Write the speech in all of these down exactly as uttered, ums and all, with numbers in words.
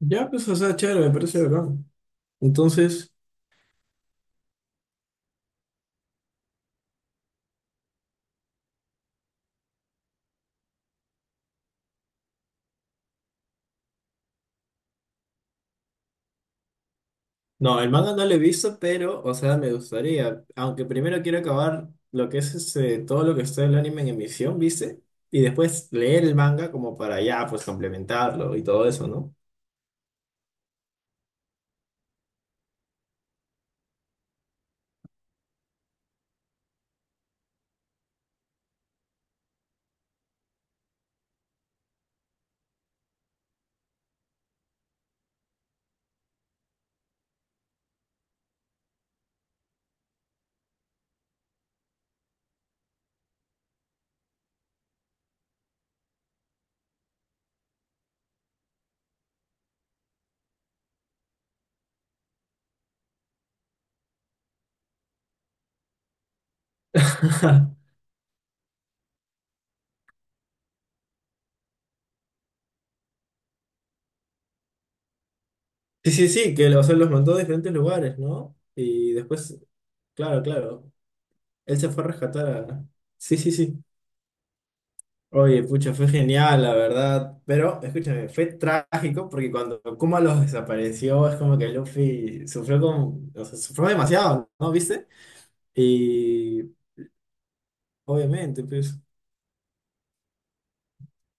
Ya, pues, o sea, chévere, me parece bacán. Entonces, no, el manga no lo he visto, pero, o sea, me gustaría. Aunque primero quiero acabar lo que es este, todo lo que está el anime en emisión, ¿viste? Y después leer el manga como para ya, pues, complementarlo y todo eso, ¿no? Sí, sí, sí, que o sea, los mandó a diferentes lugares, ¿no? Y después, claro, claro, él se fue a rescatar a... Sí, sí, sí. Oye, pucha, fue genial, la verdad. Pero, escúchame, fue trágico porque cuando Kuma los desapareció, es como que Luffy sufrió con, o sea, sufrió demasiado, ¿no? ¿Viste? Y obviamente, pues.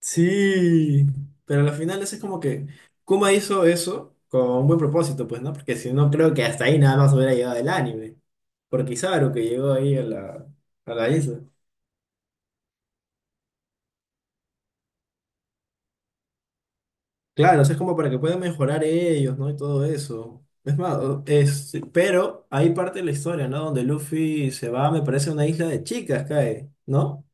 Sí. Pero al final eso es como que Kuma hizo eso con un buen propósito, pues, ¿no? Porque si no, creo que hasta ahí nada más hubiera llegado el anime. Porque Kizaru que llegó ahí a la, a la isla. Claro, o sea, es como para que puedan mejorar ellos, ¿no? Y todo eso. Es más, o- es, sí, pero hay parte de la historia, ¿no? Donde Luffy se va, me parece, a una isla de chicas, cae, ¿no?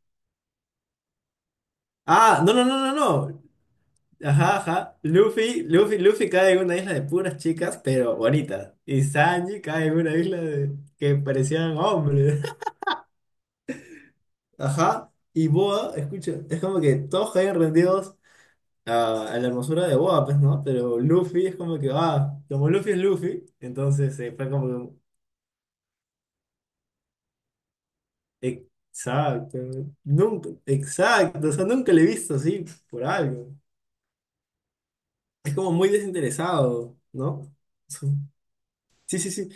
Ah, no, no, no, no, no. Ajá, ajá. Luffy, Luffy, Luffy cae en una isla de puras chicas, pero bonitas. Y Sanji cae en una isla de, que parecían hombres. Ajá. Y Boa, escucha, es como que todos caen rendidos a, a la hermosura de Boa, pues, ¿no? Pero Luffy es como que, ah, como Luffy es Luffy, entonces eh, fue como, que, exacto, nunca, exacto, o sea, nunca le he visto así por algo. Es como muy desinteresado, ¿no? Su- Sí, sí, sí,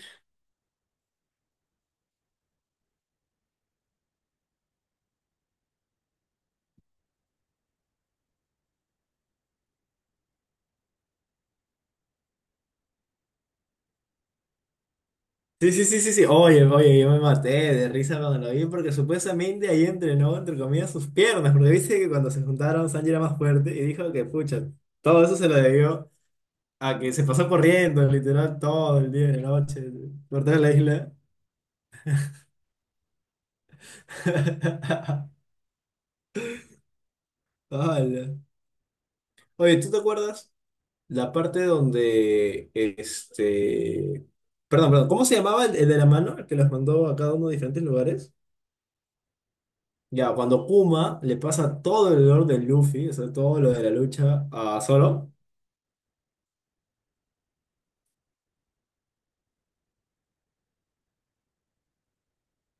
sí, sí, sí, sí, sí, oye, oye, yo me maté de risa cuando lo vi porque supuestamente ahí entrenó, entre comillas, sus piernas, porque viste que cuando se juntaron Sanji era más fuerte y dijo que, pucha, todo eso se lo debió. A que se pasó corriendo, literal, todo el día y la noche, por toda la isla. Ala. Oye, ¿tú te acuerdas la parte donde este. Perdón, perdón, ¿cómo se llamaba el, el de la mano, el que los mandó a cada uno de diferentes lugares? Ya, cuando Kuma le pasa todo el dolor de Luffy, o sea, todo lo de la lucha a Zoro.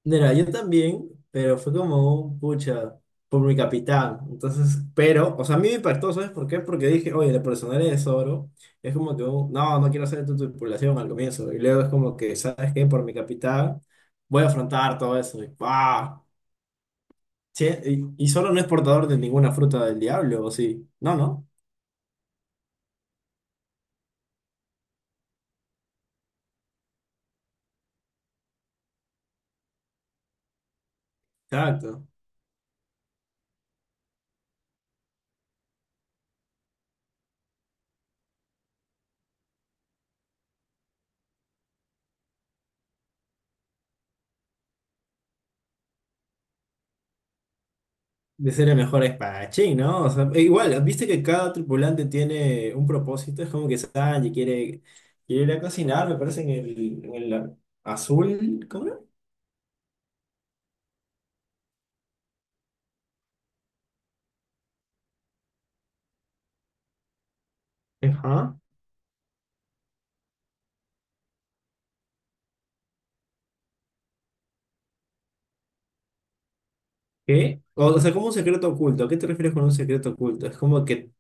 Mira, yo también, pero fue como un pucha por mi capitán. Entonces, pero, o sea, a mí me impactó, ¿sabes por qué? Porque dije, oye, la personalidad de Zoro es como que, un, no, no quiero hacer tu tripulación al comienzo. Y luego es como que, ¿sabes qué? Por mi capitán voy a afrontar todo eso. Y, ¡guau! Che, y, y Zoro no es portador de ninguna fruta del diablo, ¿o sí? No, no. Exacto. De ser el mejor espadachín, ¿no? O sea, e igual, viste que cada tripulante tiene un propósito, es como que Sanji quiere, quiere ir a cocinar, me parece, en el, en el azul, ¿cómo era? Ajá. ¿Qué? O, o sea, como un secreto oculto, ¿a qué te refieres con un secreto oculto? Es como que,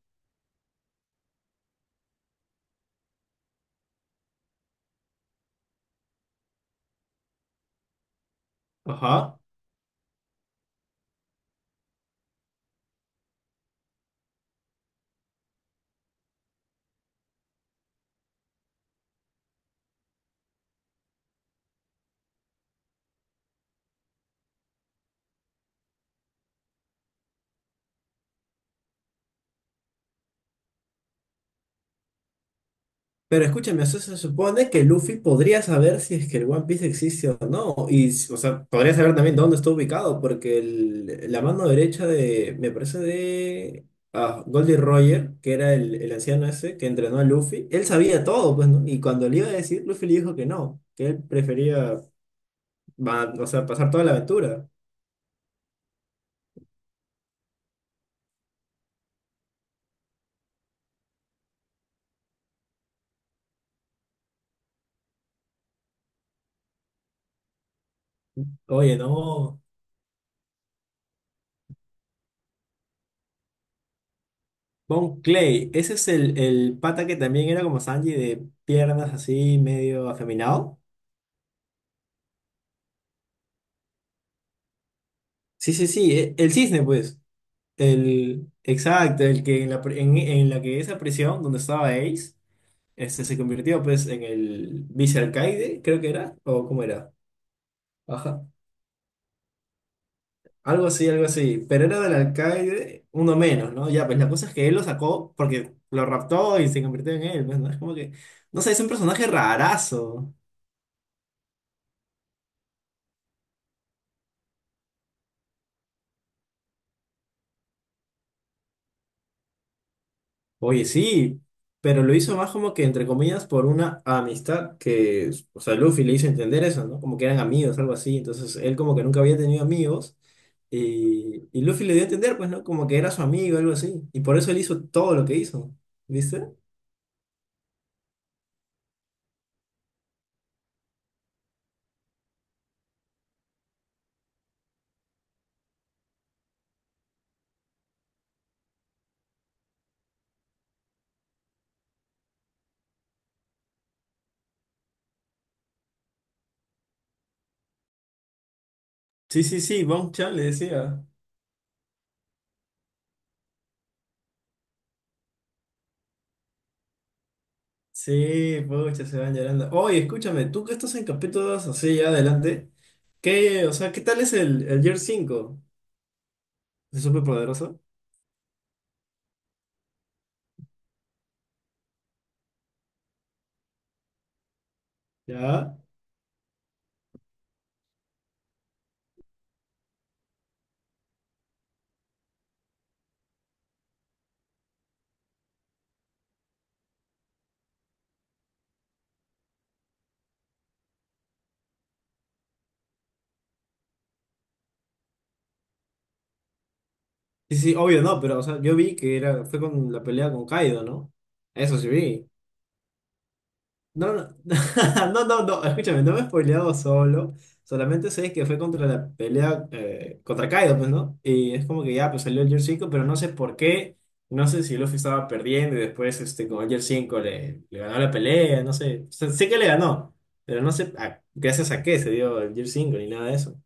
ajá. Pero escúchame, eso se supone que Luffy podría saber si es que el One Piece existe o no. Y, s- o sea, podría saber también dónde está ubicado, porque el- la mano derecha de, me parece de ah, Goldie Roger, que era el, el anciano ese que entrenó a Luffy, él sabía todo, pues, ¿no? Y cuando le iba a decir, Luffy le dijo que no, que él prefería, va- o sea, pasar toda la aventura. Oye, no. Bon Clay, ese es el, el pata que también era como Sanji de piernas así, medio afeminado. Sí, sí, sí, e- el cisne, pues. El, exacto, el que en la, pre- en, en la que esa prisión donde estaba Ace, este, se convirtió pues en el vicealcaide, creo que era, o cómo era, ajá, algo así, algo así, pero era del alcaide, uno menos, ¿no? Ya, pues la cosa es que él lo sacó porque lo raptó y se convirtió en él, pues, ¿no? Es como que, no sé, es un personaje rarazo. Oye, sí, pero lo hizo más como que, entre comillas, por una amistad que, o sea, Luffy le hizo entender eso, ¿no? Como que eran amigos, algo así. Entonces, él como que nunca había tenido amigos y, y Luffy le dio a entender, pues, ¿no? Como que era su amigo, algo así. Y por eso él hizo todo lo que hizo, ¿viste? Sí, sí, sí, Bonchan le decía. Sí, pucha, se van llorando. Oye, escúchame, tú que estás en capítulos así ya adelante, ¿qué, o sea, qué tal es el, el Year cinco? ¿Es súper poderoso? ¿Ya? Sí, sí, obvio no, pero o sea, yo vi que era, fue con la pelea con Kaido, ¿no? Eso sí vi. No, no, no, no, no, escúchame, no me he spoileado solo. Solamente sé que fue contra la pelea eh, contra Kaido, pues, ¿no? Y es como que ya, pues salió el Gear cinco pero no sé por qué. No sé si Luffy estaba perdiendo y después este, con el Gear cinco le, le ganó la pelea, no sé. O sea, sé que le ganó, pero no sé a- gracias a qué se dio el Gear cinco ni nada de eso.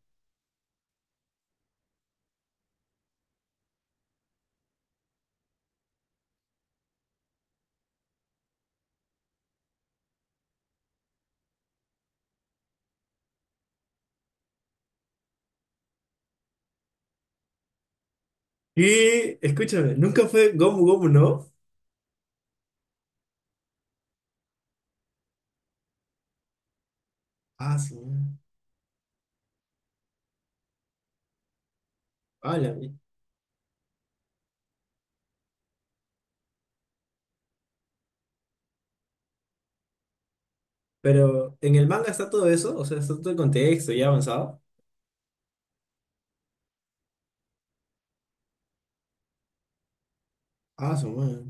Y escúchame, nunca fue Gomu Gomu, ¿no? Ah, sí. Hola. Pero en el manga está todo eso, o sea, está todo el contexto ya avanzado. Ah, su madre.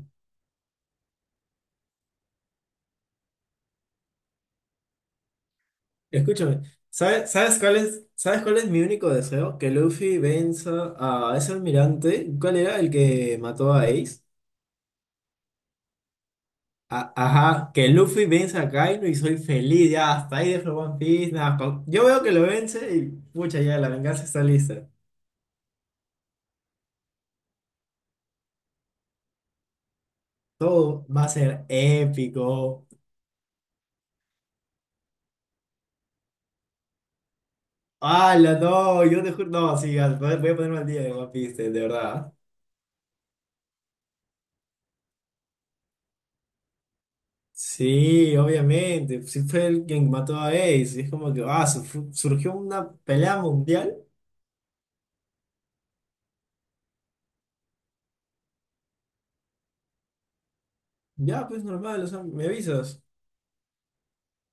Escúchame, ¿sabes, sabes cuál es, sabes cuál es mi único deseo? Que Luffy venza a ese almirante. ¿Cuál era el que mató a Ace? A- ajá, que Luffy venza a Kaino y soy feliz, ya, hasta ahí dejo One Piece, nada, pa- yo veo que lo vence y pucha, ya, la venganza está lista. Todo va a ser épico. ¡Hala, no! Yo te juro, no, sí, ya, voy voy a ponerme al día de One Piece, de de verdad. Sí, obviamente. Sí fue el quien mató a Ace. Y es como que, ah, su- surgió una pelea mundial. Ya, pues normal, o sea, me avisas.